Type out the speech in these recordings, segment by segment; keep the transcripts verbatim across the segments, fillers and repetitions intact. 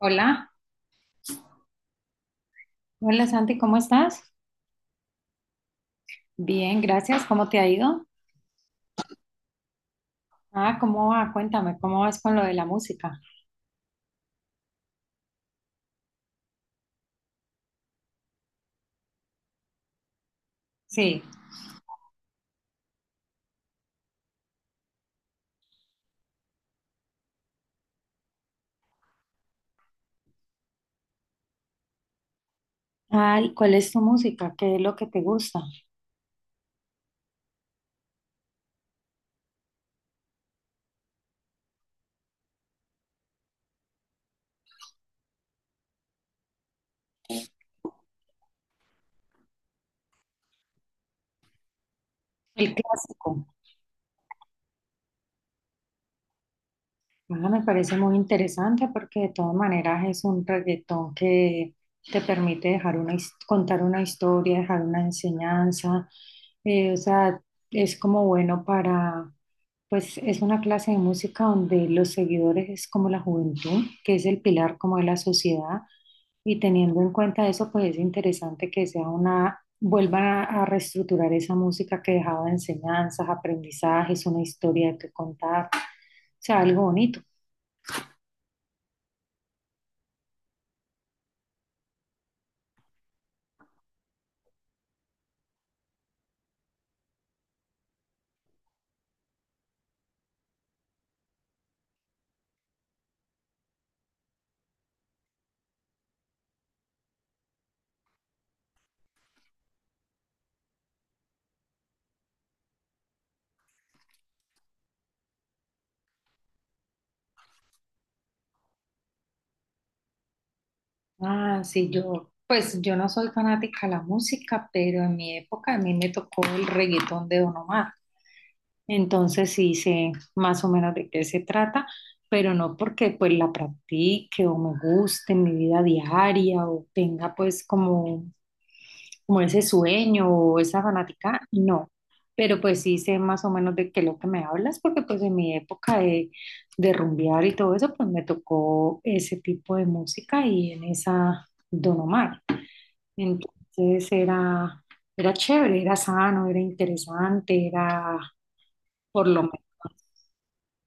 Hola, hola Santi, ¿cómo estás? Bien, gracias. ¿Cómo te ha ido? Ah, ¿cómo va? Cuéntame, ¿cómo vas con lo de la música? Sí. Ay, ¿cuál es tu música? ¿Qué es lo que te gusta? El clásico. Ah, me parece muy interesante porque de todas maneras es un reggaetón que te permite dejar una, his- contar una historia, dejar una enseñanza. Eh, o sea, es como bueno para, pues es una clase de música donde los seguidores es como la juventud, que es el pilar como de la sociedad, y teniendo en cuenta eso, pues es interesante que sea una, vuelvan a, a reestructurar esa música que dejaba enseñanzas, aprendizajes, una historia que contar, o sea, algo bonito. Ah, sí, yo, pues yo no soy fanática de la música, pero en mi época a mí me tocó el reggaetón de Don Omar. Entonces sí sé más o menos de qué se trata, pero no porque pues la practique o me guste en mi vida diaria o tenga pues como, como ese sueño o esa fanática, no. Pero pues sí sé más o menos de qué es lo que me hablas, porque pues en mi época de, de rumbear y todo eso, pues me tocó ese tipo de música y en esa Don Omar. Entonces era, era chévere, era sano, era interesante, era por lo.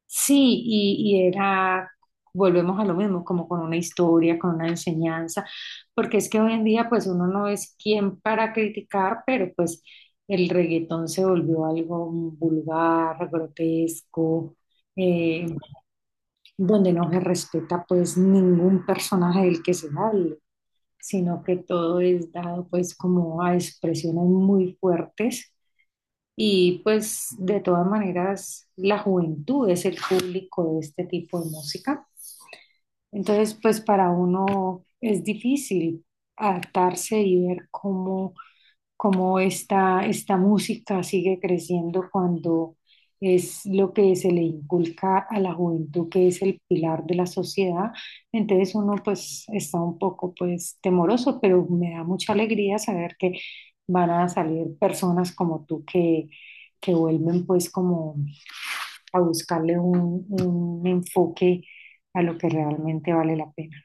Sí. Y, y era, volvemos a lo mismo, como con una historia, con una enseñanza, porque es que hoy en día pues uno no es quien para criticar, pero pues el reggaetón se volvió algo vulgar, grotesco, eh, donde no se respeta pues ningún personaje del que se hable, sino que todo es dado pues como a expresiones muy fuertes y pues de todas maneras, la juventud es el público de este tipo de música. Entonces, pues para uno es difícil adaptarse y ver cómo cómo esta, esta música sigue creciendo cuando es lo que se le inculca a la juventud, que es el pilar de la sociedad. Entonces uno pues está un poco pues temeroso, pero me da mucha alegría saber que van a salir personas como tú que, que vuelven pues como a buscarle un, un enfoque a lo que realmente vale la pena.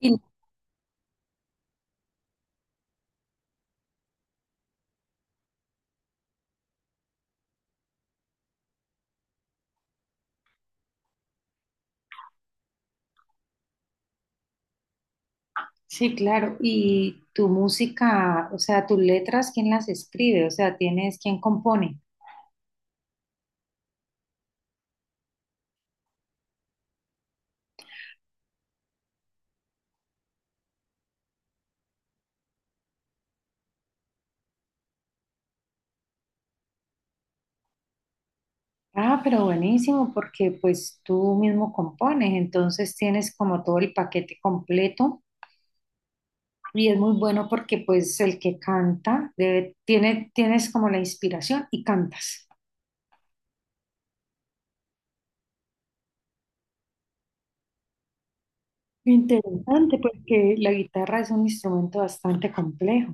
Y Sí, claro. ¿Y tu música, o sea, tus letras, quién las escribe? O sea, tienes quién compone. Ah, pero buenísimo, porque pues tú mismo compones, entonces tienes como todo el paquete completo y es muy bueno porque pues el que canta debe- tiene, tienes como la inspiración y cantas. Interesante, porque la guitarra es un instrumento bastante complejo.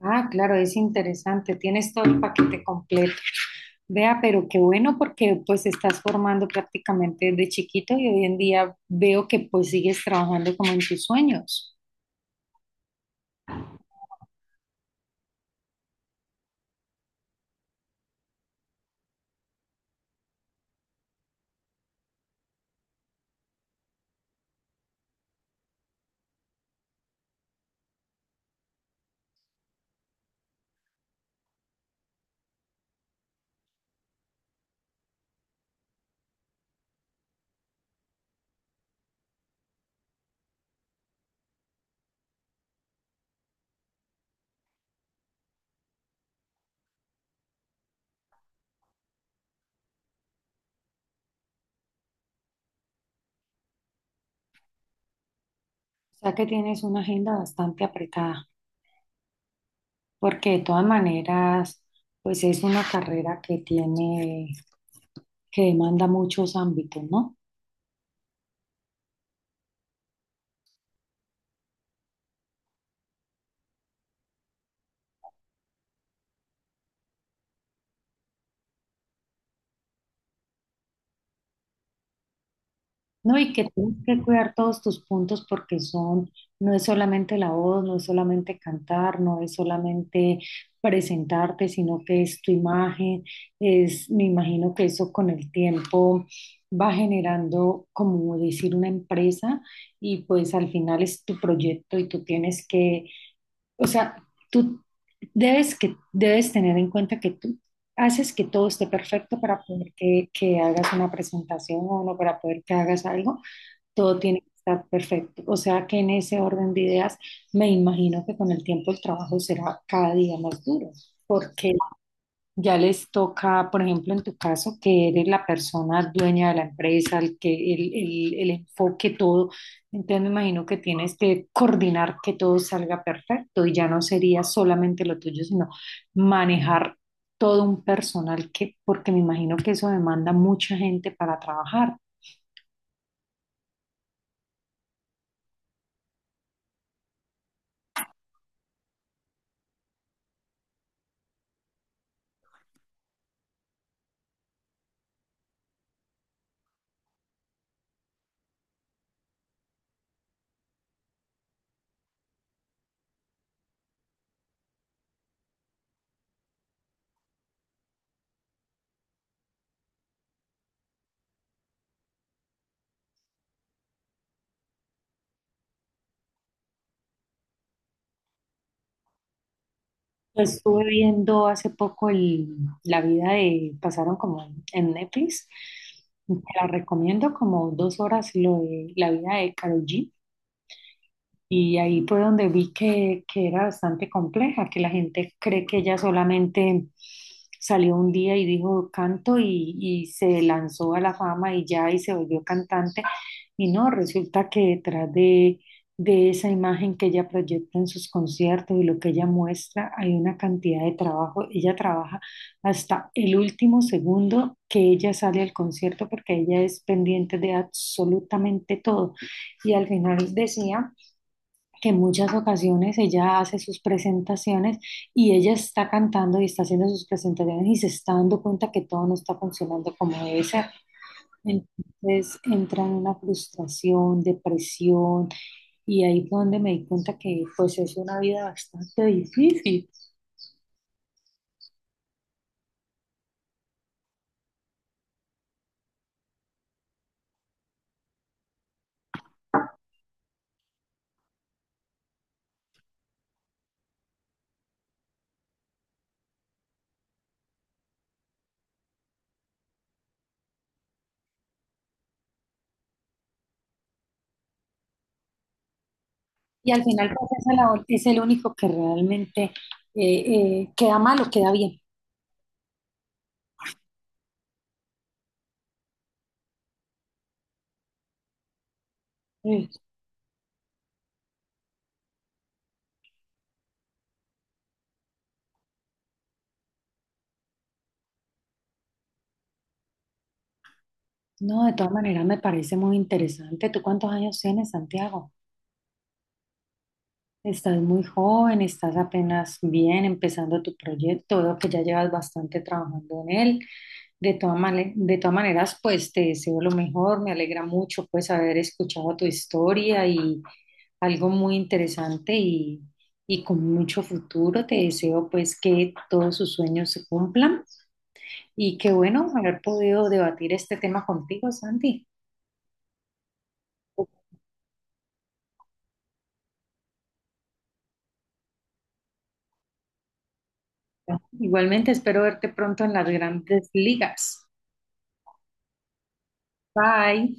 Ah, claro, es interesante, tienes todo el paquete completo. Vea, pero qué bueno porque pues estás formando prácticamente desde chiquito y hoy en día veo que pues sigues trabajando como en tus sueños. O sea que tienes una agenda bastante apretada, porque de todas maneras pues es una carrera que tiene, que demanda muchos ámbitos, ¿no? No, y que tienes que cuidar todos tus puntos porque son, no es solamente la voz, no es solamente cantar, no es solamente presentarte, sino que es tu imagen, es, me imagino que eso con el tiempo va generando, como decir, una empresa y pues al final es tu proyecto y tú tienes que, o sea, tú debes que, debes tener en cuenta que tú haces que todo esté perfecto para poder que, que hagas una presentación o no para poder que hagas algo, todo tiene que estar perfecto. O sea que en ese orden de ideas, me imagino que con el tiempo el trabajo será cada día más duro, porque ya les toca, por ejemplo, en tu caso, que eres la persona dueña de la empresa, el que el, el, el enfoque, todo. Entonces me imagino que tienes que coordinar que todo salga perfecto y ya no sería solamente lo tuyo, sino manejar todo un personal que, porque me imagino que eso demanda mucha gente para trabajar. Yo estuve viendo hace poco el, la vida de, pasaron como en, en, Netflix, te la recomiendo como dos horas lo de la vida de Karol G. Y ahí fue donde vi que, que era bastante compleja, que la gente cree que ella solamente salió un día y dijo canto y, y se lanzó a la fama y ya y se volvió cantante. Y no, resulta que detrás de, de esa imagen que ella proyecta en sus conciertos y lo que ella muestra, hay una cantidad de trabajo. Ella trabaja hasta el último segundo que ella sale al concierto porque ella es pendiente de absolutamente todo. Y al final decía que en muchas ocasiones ella hace sus presentaciones y ella está cantando y está haciendo sus presentaciones y se está dando cuenta que todo no está funcionando como debe ser. Entonces entra en una frustración, depresión y ahí fue donde me di cuenta que pues es una vida bastante difícil. Y al final pues esa labor es el único que realmente eh, eh, queda mal o queda bien. Mm. No, de todas maneras me parece muy interesante. ¿Tú cuántos años tienes, Santiago? Estás muy joven, estás apenas bien empezando tu proyecto, veo que ya llevas bastante trabajando en él. De todas male- de todas maneras, pues te deseo lo mejor, me alegra mucho pues haber escuchado tu historia y algo muy interesante y, y con mucho futuro. Te deseo pues que todos sus sueños se cumplan y qué bueno haber podido debatir este tema contigo, Santi. Igualmente espero verte pronto en las grandes ligas. Bye.